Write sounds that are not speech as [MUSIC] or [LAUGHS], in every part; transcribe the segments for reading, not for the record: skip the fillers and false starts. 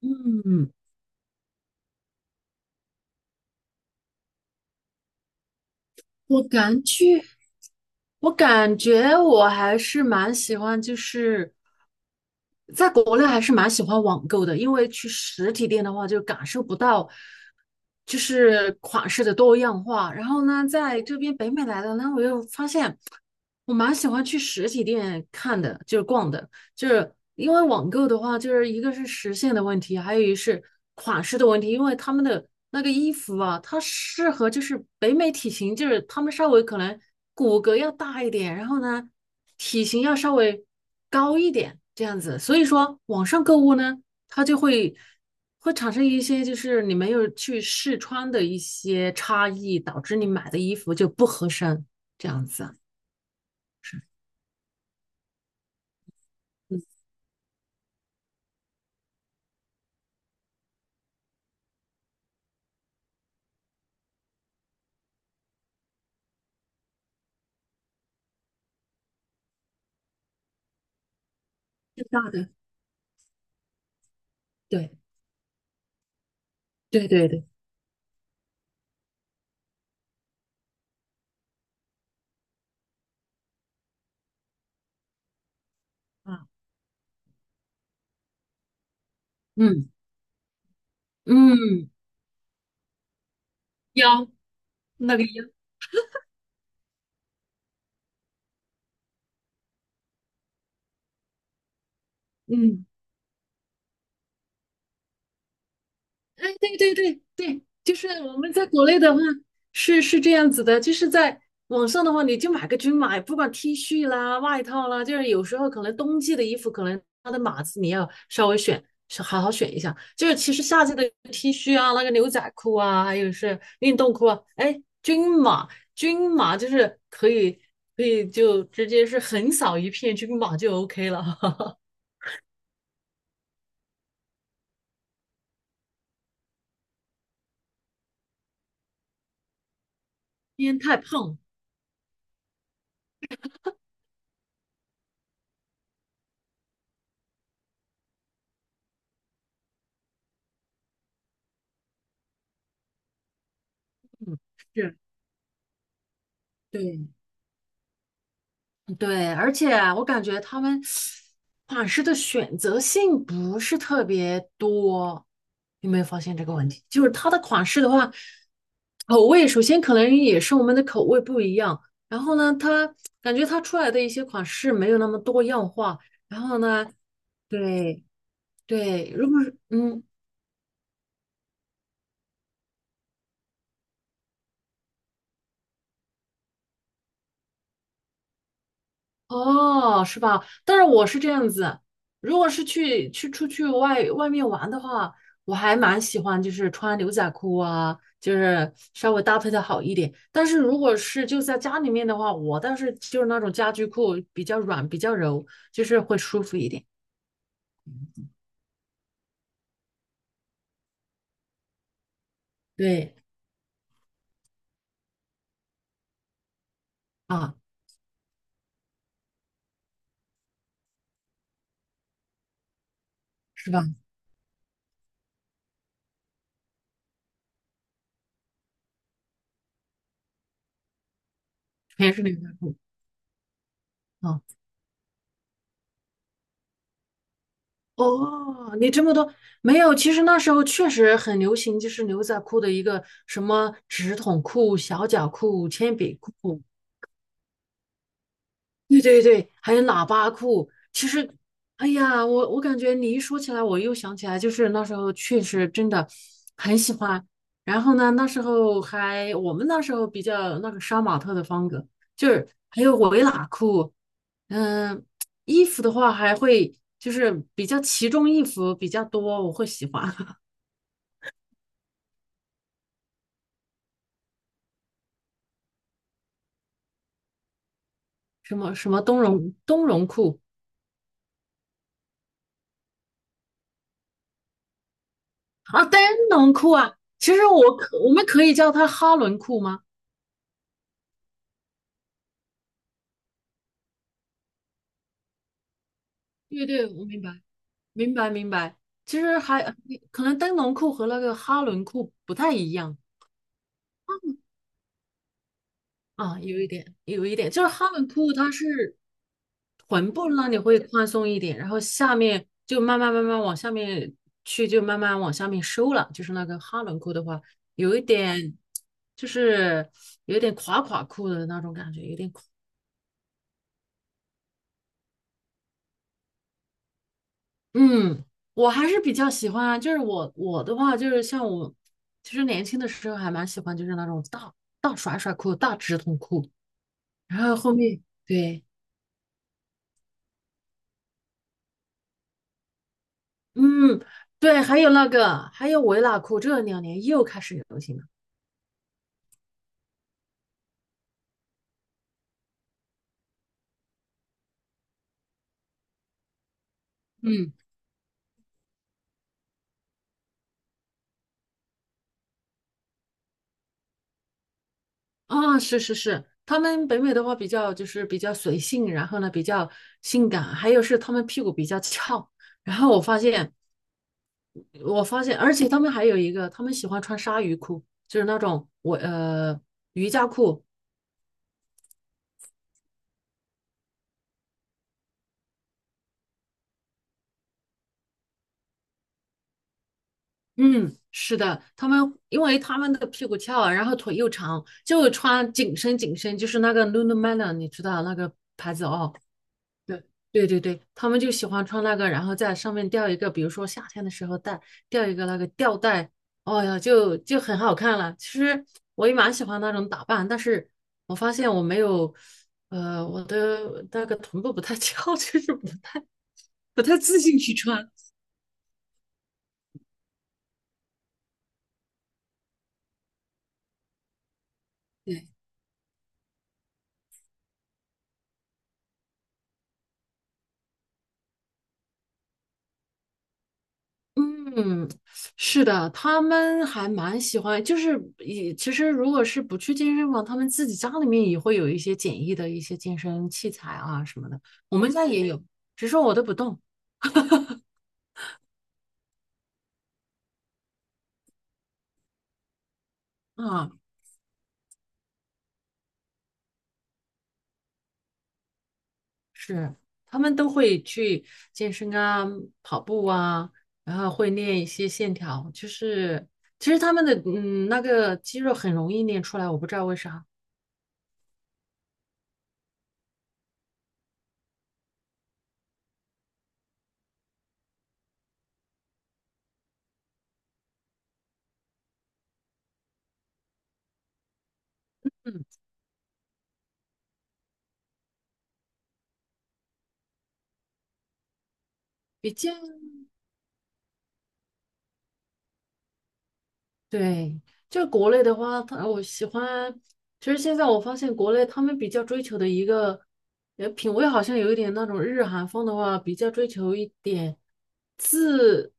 嗯，我感觉，我感觉，我还是蛮喜欢，就是在国内还是蛮喜欢网购的，因为去实体店的话就感受不到，就是款式的多样化。然后呢，在这边北美来的呢，我又发现我蛮喜欢去实体店看的，就是逛的，就是因为网购的话，就是一个是时限的问题，还有一是款式的问题，因为他们的。那个衣服啊，它适合就是北美体型，就是他们稍微可能骨骼要大一点，然后呢，体型要稍微高一点这样子。所以说，网上购物呢，它就会产生一些就是你没有去试穿的一些差异，导致你买的衣服就不合身这样子。是大的，对对对对，啊，嗯嗯，嗯腰那个腰，嗯。哎，对对对对，就是我们在国内的话是这样子的，就是在网上的话，你就买个均码，不管 T 恤啦、外套啦，就是有时候可能冬季的衣服，可能它的码子你要稍微选，是好好选一下。就是其实夏季的 T 恤啊、那个牛仔裤啊，还有是运动裤啊，哎，均码就是可以就直接是横扫一片均码就 OK 了，[LAUGHS] 因为太胖嗯，是，对，对，而且我感觉他们款式的选择性不是特别多，有没有发现这个问题？就是它的款式的话，口味首先可能也是我们的口味不一样，然后呢，它感觉它出来的一些款式没有那么多样化，然后呢，对对，如果是嗯。哦，是吧？但是我是这样子，如果是去出去外面玩的话，我还蛮喜欢，就是穿牛仔裤啊，就是稍微搭配的好一点。但是如果是就在家里面的话，我倒是就是那种家居裤，比较软，比较柔，就是会舒服一点。对啊，是吧？全是牛仔裤啊。哦，你这么多没有？其实那时候确实很流行，就是牛仔裤的一个什么直筒裤、小脚裤、铅笔裤。对对对，还有喇叭裤。其实，哎呀，我感觉你一说起来，我又想起来，就是那时候确实真的很喜欢。然后呢，那时候还我们那时候比较那个杀马特的风格，就是还有围喇裤。嗯，衣服的话还会就是比较其中异服比较多，我会喜欢 [LAUGHS] 什么什么冬绒冬绒裤啊，灯笼裤啊。其实我们可以叫它哈伦裤吗？对对，我明白。明白明白。其实还可能灯笼裤和那个哈伦裤不太一样啊，有一点，有一点，就是哈伦裤它是臀部那里会宽松一点，然后下面就慢慢慢慢往下面去，就慢慢往下面收了。就是那个哈伦裤的话，有一点就是有一点垮垮裤的那种感觉，有点垮。嗯，我还是比较喜欢啊，就是我的话，就是像我，其实年轻的时候还蛮喜欢，就是那种大大甩甩裤、大直筒裤，然后后面对，嗯，对，还有那个，还有维拉裤，这两年又开始流行了。嗯，啊，是是是，他们北美的话比较就是比较随性，然后呢比较性感，还有是他们屁股比较翘，然后我发现。我发现，而且他们还有一个，他们喜欢穿鲨鱼裤，就是那种我瑜伽裤。嗯，是的，因为他们的屁股翘，然后腿又长，就穿紧身紧身，就是那个 Lululemon，你知道那个牌子哦，对对对对，他们就喜欢穿那个，然后在上面吊一个，比如说夏天的时候吊一个那个吊带，哦呀，就很好看了。其实我也蛮喜欢那种打扮，但是我发现我没有，我的那个臀部不太 [LAUGHS] 翘，就是不太自信去穿。对嗯，是的，他们还蛮喜欢，就是也其实如果是不去健身房，他们自己家里面也会有一些简易的一些健身器材啊什么的，我们家也有，只是我都不动啊。是，他们都会去健身啊，跑步啊，然后会练一些线条，就是其实他们的那个肌肉很容易练出来，我不知道为啥，嗯，比较对，就是国内的话，我喜欢。其实现在我发现国内他们比较追求的一个，品味好像有一点那种日韩风的话，比较追求一点自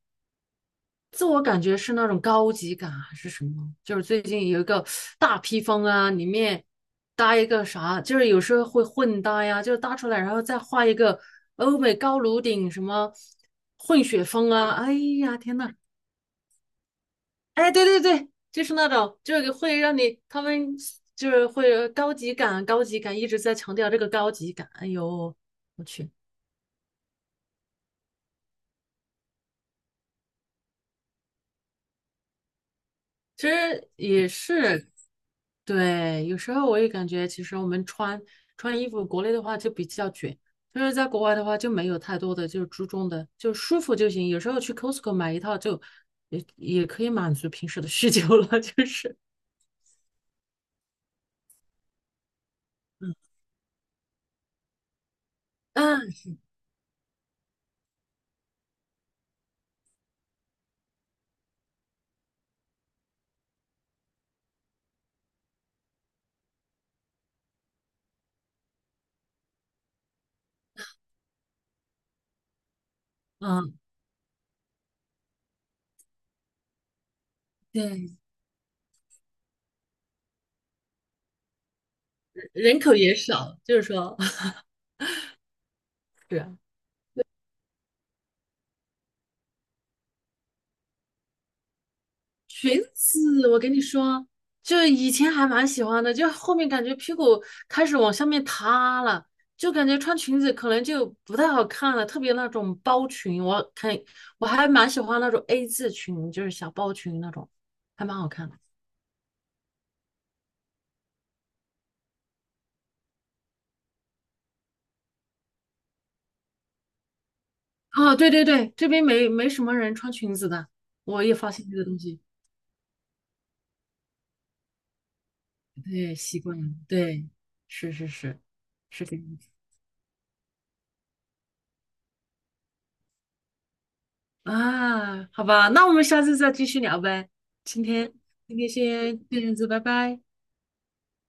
自我感觉是那种高级感还是什么？就是最近有一个大披风啊，里面搭一个啥，就是有时候会混搭呀，就是搭出来然后再画一个欧美高颅顶什么混血风啊，哎呀天呐！哎，对对对，就是那种，就是会让你，他们就是会有高级感，高级感一直在强调这个高级感。哎呦，我去，其实也是，对，有时候我也感觉，其实我们穿衣服，国内的话就比较卷，就是在国外的话就没有太多的就是注重的，就舒服就行。有时候去 Costco 买一套就也可以满足平时的需求了，就是，嗯嗯，对，人口也少，就是说。[LAUGHS] 是。裙子，我跟你说，就以前还蛮喜欢的，就后面感觉屁股开始往下面塌了，就感觉穿裙子可能就不太好看了，特别那种包裙，我看我还蛮喜欢那种 A 字裙，就是小包裙那种，还蛮好看的。啊，对对对，这边没什么人穿裙子的，我也发现这个东西，对，习惯了，对，是是是，是这样。啊，好吧，那我们下次再继续聊呗。今天今天先这样子，拜拜。